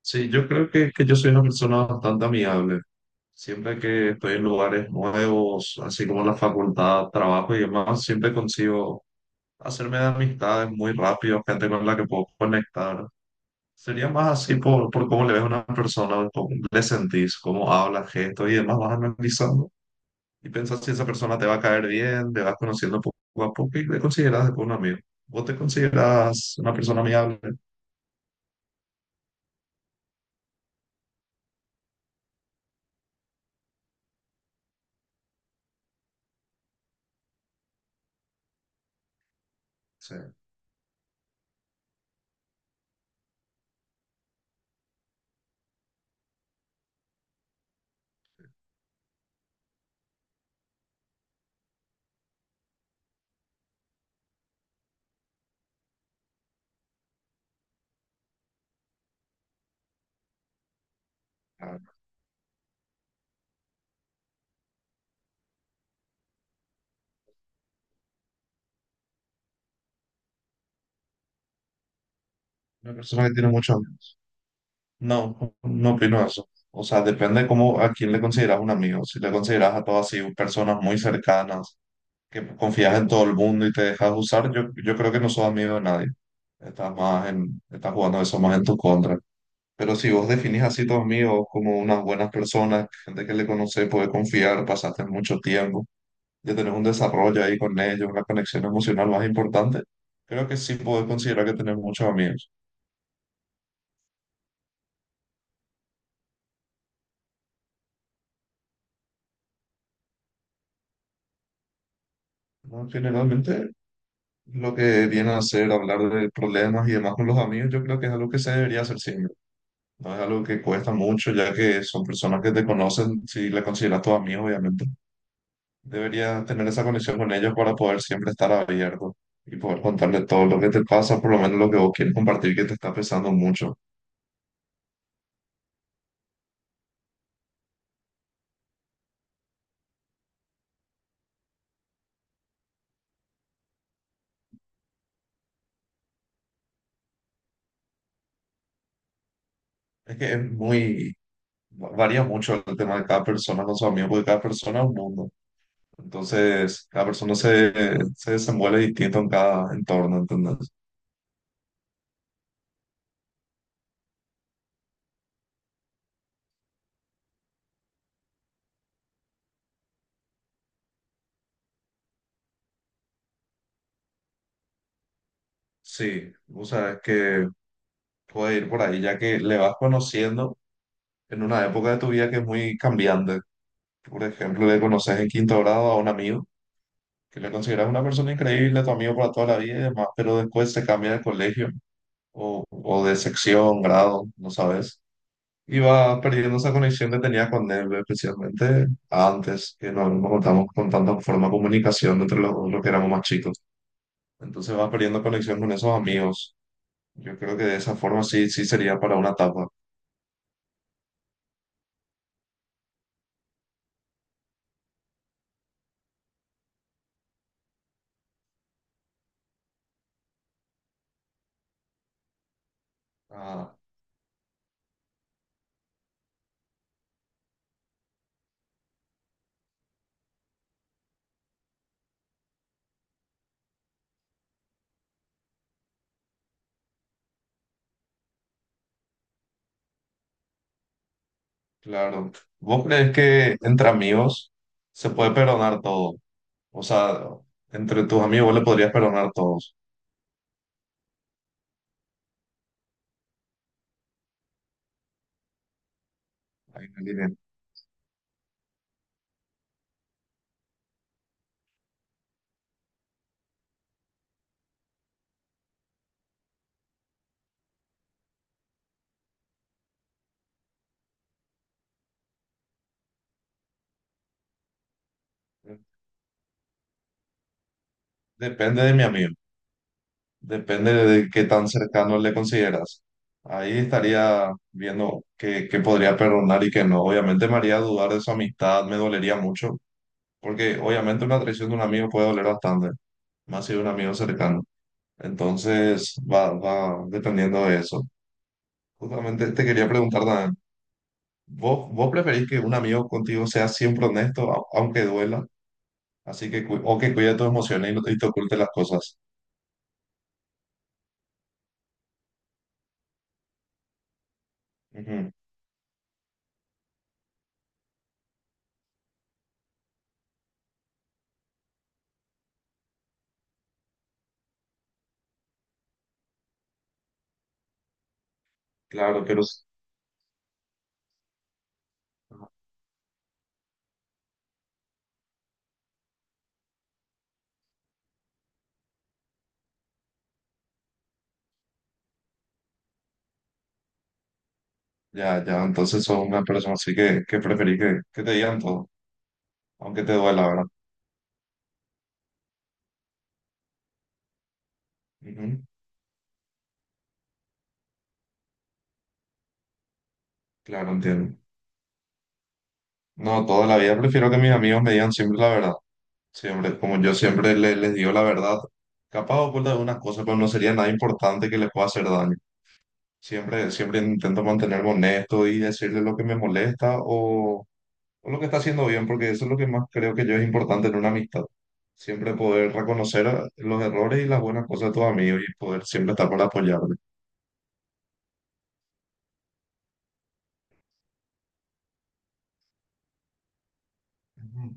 Sí, yo creo que yo soy una persona bastante amigable. Siempre que estoy en lugares nuevos, así como la facultad, trabajo y demás, siempre consigo hacerme de amistades muy rápido, gente con la que puedo conectar. Sería más así por cómo le ves a una persona, cómo le sentís, cómo habla, gestos y demás, vas analizando y pensás si esa persona te va a caer bien, te vas conociendo poco a poco y te consideras después un amigo. ¿Vos te consideras una persona amigable? Sí, claro. Una persona que tiene mucho. No, no opino eso. O sea, depende cómo a quién le consideras un amigo. Si le consideras a todas así personas muy cercanas, que confías en todo el mundo y te dejas usar, yo creo que no sos amigo de nadie. Estás más estás jugando eso más en tu contra. Pero si vos definís así tus amigos como unas buenas personas, gente que le conoces, puede confiar, pasaste mucho tiempo, ya tenés un desarrollo ahí con ellos, una conexión emocional más importante, creo que sí podés considerar que tenés muchos amigos. ¿No? Generalmente. Lo que viene a hacer, hablar de problemas y demás con los amigos, yo creo que es algo que se debería hacer siempre. No es algo que cuesta mucho, ya que son personas que te conocen, si le consideras tu amigo, obviamente. Deberías tener esa conexión con ellos para poder siempre estar abierto y poder contarle todo lo que te pasa, por lo menos lo que vos quieres compartir, que te está pesando mucho. Es que es muy, varía mucho el tema de cada persona con su amigo, porque cada persona es un mundo. Entonces, cada persona se desenvuelve distinto en cada entorno, ¿entendés? Sí, o sea, es que puede ir por ahí, ya que le vas conociendo en una época de tu vida que es muy cambiante. Por ejemplo, le conoces en quinto grado a un amigo, que le consideras una persona increíble, a tu amigo para toda la vida y demás, pero después se cambia de colegio o de sección, grado, no sabes. Y vas perdiendo esa conexión que tenías con él, especialmente antes, que no, no contamos con tanta forma de comunicación entre los que éramos más chicos. Entonces vas perdiendo conexión con esos amigos. Yo creo que de esa forma sí, sí sería para una tapa. Ah, claro. ¿Vos crees que entre amigos se puede perdonar todo? O sea, entre tus amigos vos le podrías perdonar todos. Ahí me diré. Depende de mi amigo, depende de qué tan cercano le consideras. Ahí estaría viendo qué, qué podría perdonar y qué no. Obviamente me haría dudar de su amistad, me dolería mucho, porque obviamente una traición de un amigo puede doler bastante, más si de un amigo cercano. Entonces, va, va dependiendo de eso. Justamente te quería preguntar también, ¿vos preferís que un amigo contigo sea siempre honesto, aunque duela? Así que, o que cuide tus emociones y no te, y te oculte las cosas. Ujú. Claro, ya, ya, entonces sos una persona así que, preferís que te digan todo, aunque te duela, ¿verdad? Ujú. Claro, entiendo. No, toda la vida prefiero que mis amigos me digan siempre la verdad. Sí, hombre, como yo siempre les digo la verdad, capaz oculta algunas cosas, pero no sería nada importante que les pueda hacer daño. Siempre, siempre intento mantenerme honesto y decirle lo que me molesta o lo que está haciendo bien, porque eso es lo que más creo que yo es importante en una amistad. Siempre poder reconocer los errores y las buenas cosas de tus amigos y poder siempre estar para apoyarle. Ujú.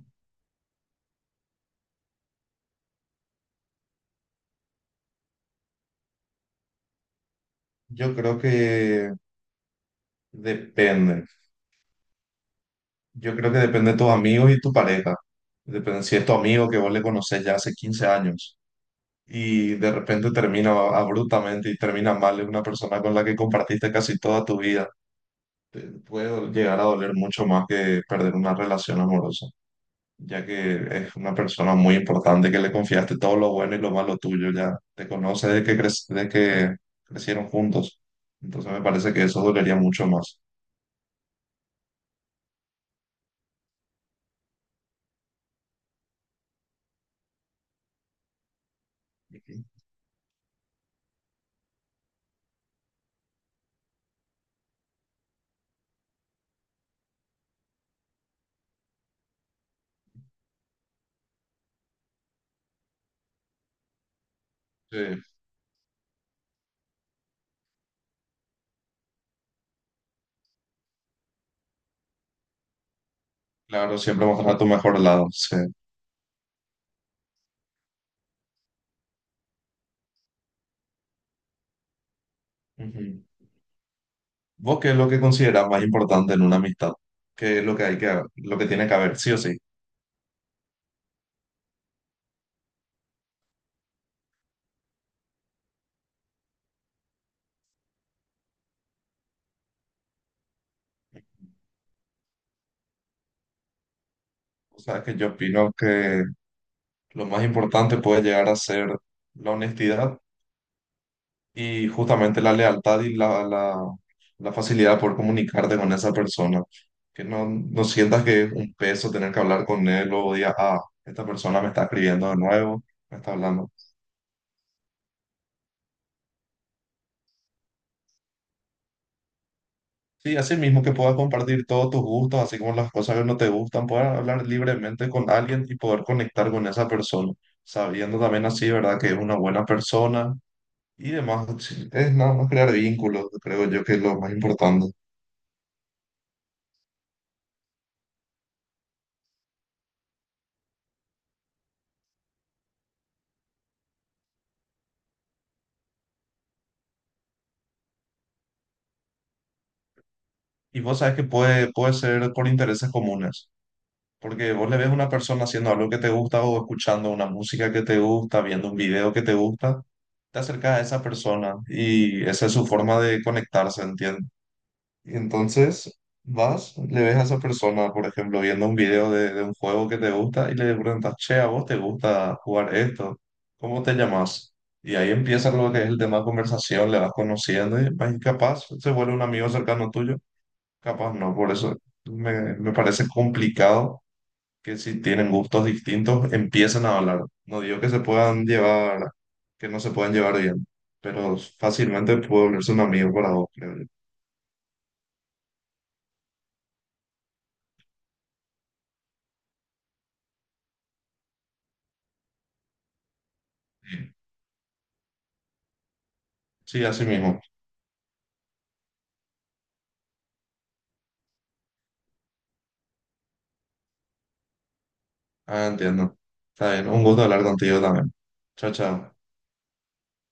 Yo creo que depende. Yo creo que depende de tus amigos y tu pareja. Depende si es tu amigo que vos le conocés ya hace 15 años. Y de repente termina abruptamente y termina mal. Es una persona con la que compartiste casi toda tu vida. Te puede llegar a doler mucho más que perder una relación amorosa, ya que es una persona muy importante que le confiaste todo lo bueno y lo malo tuyo. Ya te conoce desde que, desde que crecieron juntos. Entonces me parece que eso dolería mucho más. Ujú. Sí, claro, siempre mostrar tu mejor lado. Sí. Ujú. ¿Vos qué es lo que consideras más importante en una amistad? ¿Qué es lo que hay que, lo que tiene que haber, sí o sí? O sea, que yo opino que lo más importante puede llegar a ser la honestidad y justamente la lealtad y la facilidad por comunicarte con esa persona. Que no, no sientas que es un peso tener que hablar con él o digas, ah, esta persona me está escribiendo de nuevo, me está hablando. Sí, así mismo que puedas compartir todos tus gustos, así como las cosas que no te gustan, poder hablar libremente con alguien y poder conectar con esa persona, sabiendo también así, ¿verdad? Que es una buena persona. Y demás, sí, es nada más crear vínculos, creo yo que es lo más importante. Y vos sabes que puede ser por intereses comunes, porque vos le ves a una persona haciendo algo que te gusta o escuchando una música que te gusta, viendo un video que te gusta, te acercas a esa persona y esa es su forma de conectarse, ¿entiendes? Y entonces vas, le ves a esa persona, por ejemplo, viendo un video de un juego que te gusta y le preguntas, che, ¿a vos te gusta jugar esto? ¿Cómo te llamas? Y ahí empieza lo que es el tema de conversación, le vas conociendo y capaz se vuelve un amigo cercano tuyo, capaz no, por eso me parece complicado que si tienen gustos distintos empiecen a hablar. No digo que se puedan llevar, que no se puedan llevar bien, pero fácilmente puede volverse un amigo para vos, creo yo. Sí, así mismo. Ah, entiendo. Está bien. Un gusto hablar contigo también. Chao, chao.